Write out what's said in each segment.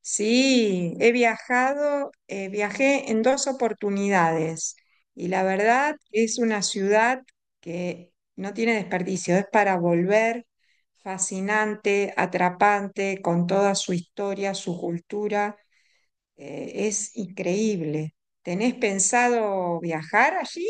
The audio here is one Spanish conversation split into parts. Sí, he viajado, viajé en dos oportunidades y la verdad es una ciudad que no tiene desperdicio, es para volver, fascinante, atrapante, con toda su historia, su cultura, es increíble. ¿Tenés pensado viajar allí?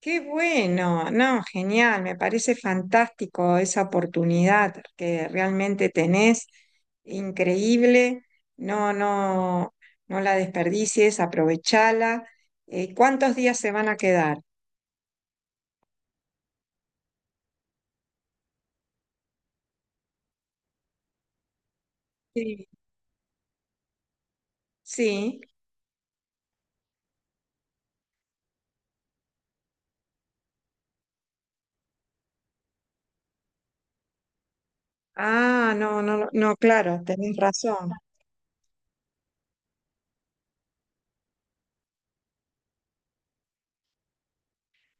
Qué bueno, no, genial, me parece fantástico esa oportunidad que realmente tenés, increíble, no, no, no la desperdicies, aprovechala. ¿Cuántos días se van a quedar? Sí. Sí, ah, no, no, no, claro, tenés razón,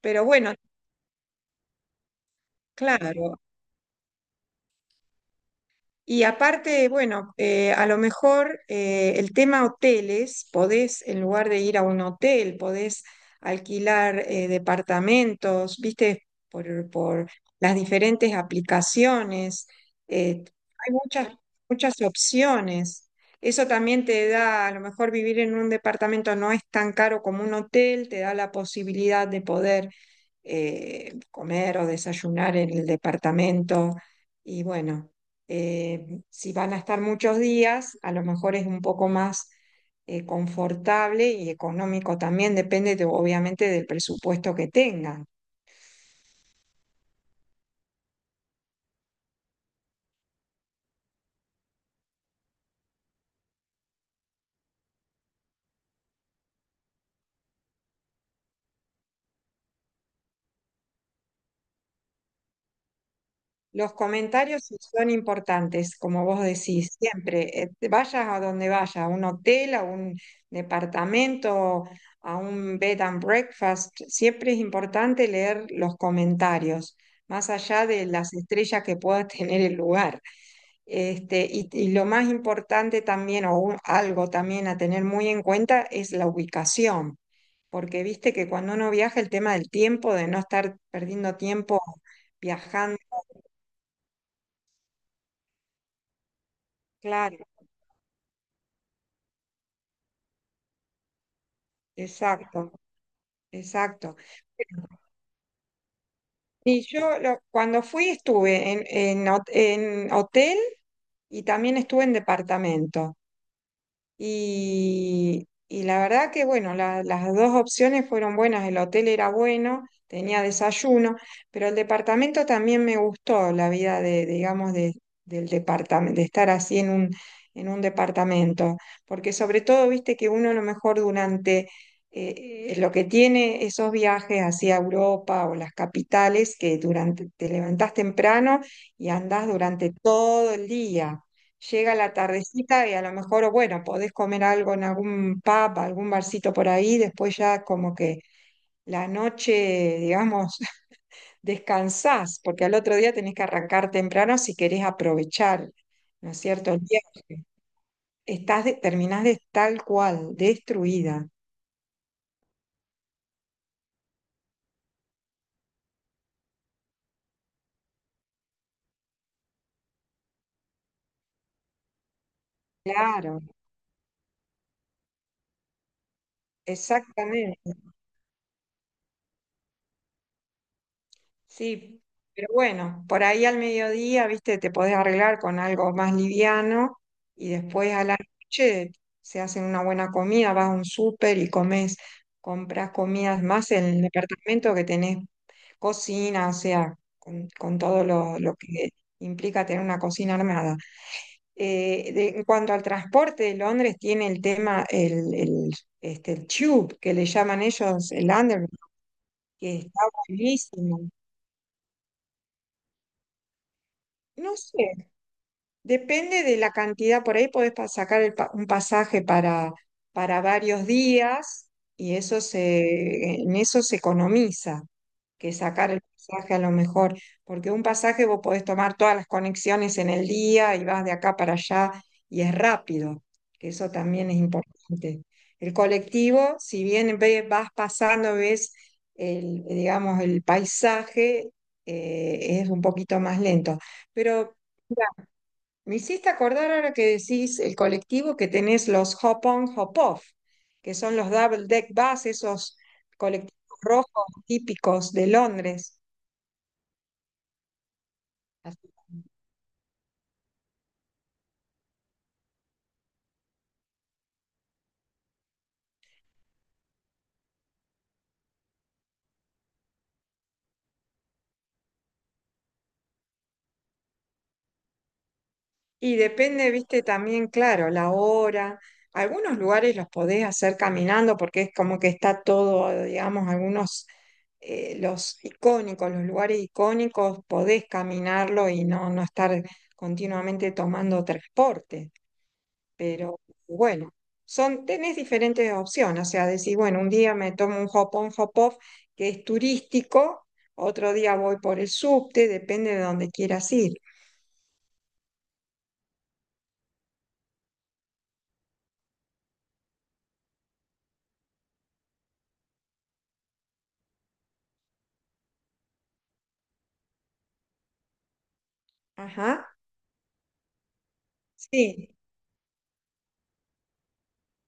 pero bueno, claro. Y aparte, bueno, a lo mejor el tema hoteles, podés, en lugar de ir a un hotel, podés alquilar departamentos, viste, por las diferentes aplicaciones. eh, Hay muchas, muchas opciones. Eso también te da, a lo mejor vivir en un departamento no es tan caro como un hotel, te da la posibilidad de poder comer o desayunar en el departamento. Y bueno, si van a estar muchos días, a lo mejor es un poco más confortable y económico también, obviamente del presupuesto que tengan. Los comentarios sí son importantes, como vos decís, siempre, vayas a donde vayas, a un hotel, a un departamento, a un bed and breakfast, siempre es importante leer los comentarios, más allá de las estrellas que pueda tener el lugar. Este, y lo más importante también, algo también a tener muy en cuenta, es la ubicación, porque viste que cuando uno viaja el tema del tiempo, de no estar perdiendo tiempo viajando, claro. Exacto, exacto. Bueno, cuando fui estuve en hotel y también estuve en departamento. Y la verdad que, bueno, las dos opciones fueron buenas. El hotel era bueno, tenía desayuno, pero el departamento también me gustó, la vida de, digamos, de, del departamento, de estar así en un departamento. Porque sobre todo, viste que uno a lo mejor durante lo que tiene esos viajes hacia Europa o las capitales, que durante, te levantás temprano y andás durante todo el día, llega la tardecita y a lo mejor, bueno, podés comer algo en algún pub, algún barcito por ahí, después ya como que la noche, digamos, descansás, porque al otro día tenés que arrancar temprano si querés aprovechar, ¿no es cierto?, el viaje. Terminás de tal cual, destruida. Claro, exactamente. Sí, pero bueno, por ahí al mediodía, viste, te podés arreglar con algo más liviano y después a la noche se hacen una buena comida, vas a un súper y comes, compras comidas más en el departamento que tenés cocina, o sea, con todo lo que implica tener una cocina armada. En cuanto al transporte, Londres tiene el tema, el, este, el tube, que le llaman ellos el underground, que está buenísimo. No sé, depende de la cantidad, por ahí podés sacar un pasaje para varios días y en eso se economiza, que sacar el pasaje a lo mejor, porque un pasaje vos podés tomar todas las conexiones en el día y vas de acá para allá y es rápido, que eso también es importante. El colectivo, si bien vas pasando, ves el, digamos, el paisaje, es un poquito más lento, pero... Me hiciste acordar ahora que decís el colectivo que tenés los Hop-on, Hop-off, que son los double deck bus, esos colectivos rojos típicos de Londres. Así. Y depende, viste, también, claro, la hora. Algunos lugares los podés hacer caminando porque es como que está todo, digamos, algunos, los icónicos, los lugares icónicos, podés caminarlo y no, no estar continuamente tomando transporte. Pero bueno, son, tenés diferentes opciones, o sea, decir, bueno, un día me tomo un hop-on, hop-off que es turístico, otro día voy por el subte, depende de dónde quieras ir. Ajá, sí.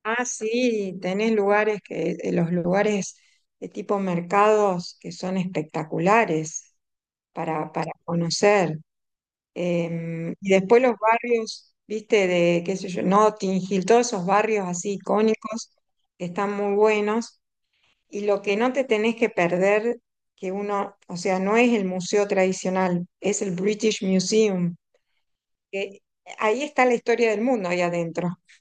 Ah, sí, tenés lugares que, los lugares de tipo mercados que son espectaculares para conocer. Y después los barrios, viste, de, qué sé yo, Notting Hill, todos esos barrios así icónicos que están muy buenos. Y lo que no te tenés que perder, que uno, o sea, no es el museo tradicional, es el British Museum, que ahí está la historia del mundo ahí adentro.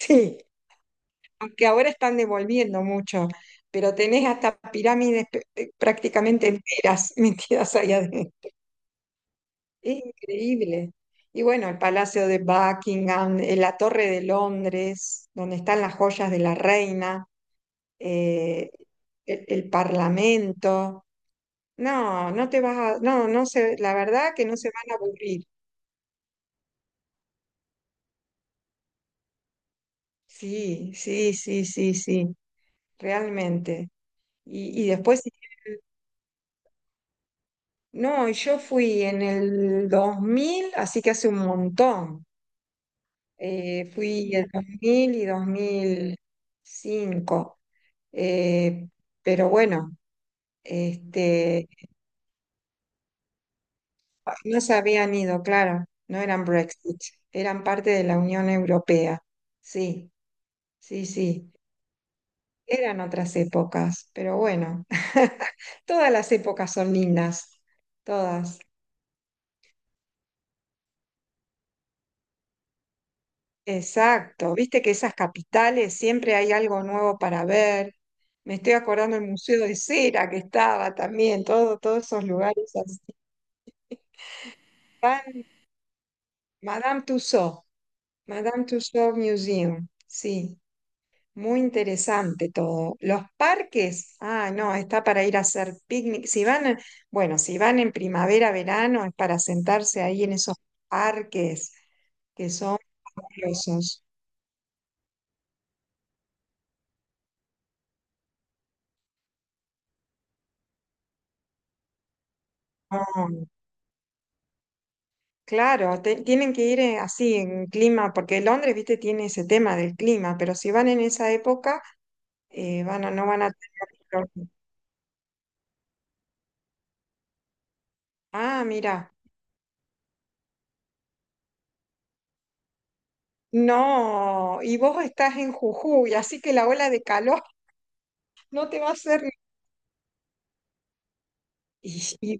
Sí, aunque ahora están devolviendo mucho, pero tenés hasta pirámides prácticamente enteras metidas allá adentro. Increíble. Y bueno, el Palacio de Buckingham, la Torre de Londres, donde están las joyas de la reina, eh, el Parlamento. No, no se, la verdad que no se van a aburrir. Sí, sí, sí, sí, sí, realmente. Y después, no, y yo fui en el 2000, así que hace un montón. Fui el 2000 y 2005. Eh, pero bueno, este, ah, no se habían ido, claro, no eran Brexit, eran parte de la Unión Europea. Sí, sí, sí, eran otras épocas, pero bueno, todas las épocas son lindas, todas. Exacto, viste que esas capitales siempre hay algo nuevo para ver. Me estoy acordando del Museo de Cera que estaba también, todo, todos esos lugares así. Tan- Madame Tussauds, Madame Tussauds Museum, sí, muy interesante todo. Los parques, ah, no, está para ir a hacer picnic. Si van, bueno, si van en primavera, verano, es para sentarse ahí en esos parques que son fabulosos. Ah, claro, tienen que ir así en clima, porque Londres, viste, tiene ese tema del clima, pero si van en esa época, no van a tener... problema. Ah, mira. No, y vos estás en Jujuy, así que la ola de calor no te va a hacer... Y, y,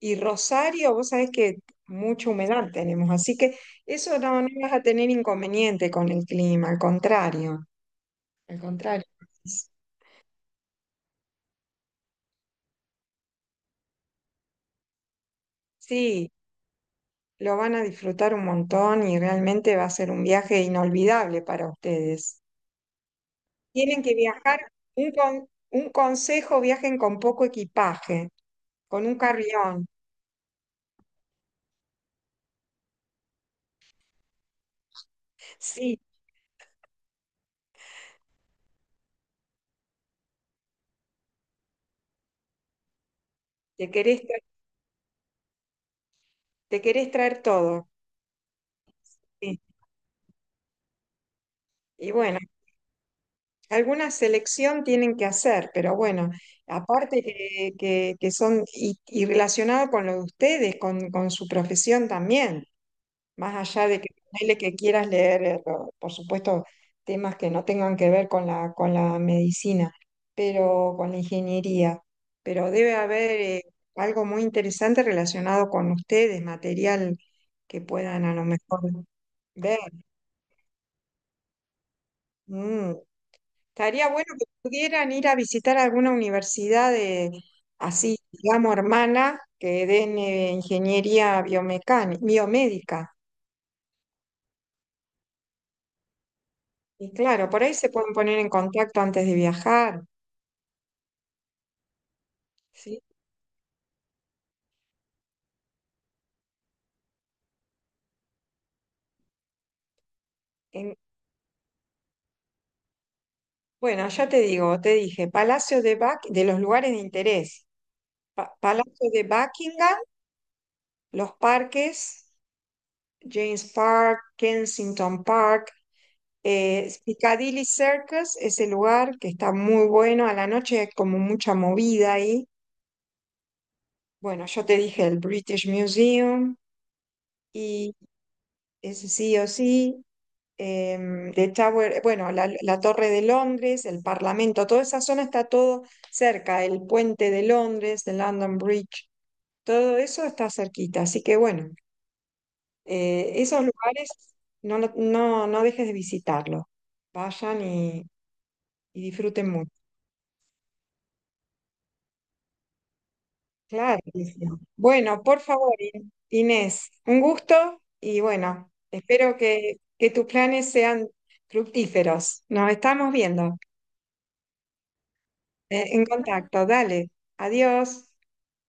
y Rosario, vos sabés que mucha humedad tenemos, así que eso no, no vas a tener inconveniente con el clima, al contrario, al contrario. Sí, lo van a disfrutar un montón y realmente va a ser un viaje inolvidable para ustedes. Tienen que viajar, un consejo, viajen con poco equipaje, con un carrión. Sí, te querés, tra- te querés traer todo. Sí. Y bueno, alguna selección tienen que hacer, pero bueno, aparte que son y relacionado con lo de ustedes, con su profesión también, más allá de que, ponele que quieras leer, por supuesto, temas que no tengan que ver con con la medicina, pero con la ingeniería, pero debe haber algo muy interesante relacionado con ustedes, material que puedan a lo mejor ver. Mm. Estaría bueno que pudieran ir a visitar alguna universidad de, así, digamos, hermana, que den ingeniería biomecánica, biomédica. Y claro, por ahí se pueden poner en contacto antes de viajar, ¿sí? En- bueno, ya te digo, te dije, Palacio de Buck, de los lugares de interés. Palacio de Buckingham, los parques, James Park, Kensington Park, Piccadilly Circus es el lugar que está muy bueno. A la noche hay como mucha movida ahí. Bueno, yo te dije el British Museum y ese sí o sí. The Tower, bueno, la Torre de Londres, el Parlamento, toda esa zona está todo cerca. El Puente de Londres, el London Bridge, todo eso está cerquita. Así que bueno, esos lugares no dejes de visitarlos. Vayan y disfruten mucho. Claro. Que sí. Bueno, por favor, Inés, un gusto y bueno, espero que tus planes sean fructíferos. Nos estamos viendo en contacto. Dale, adiós.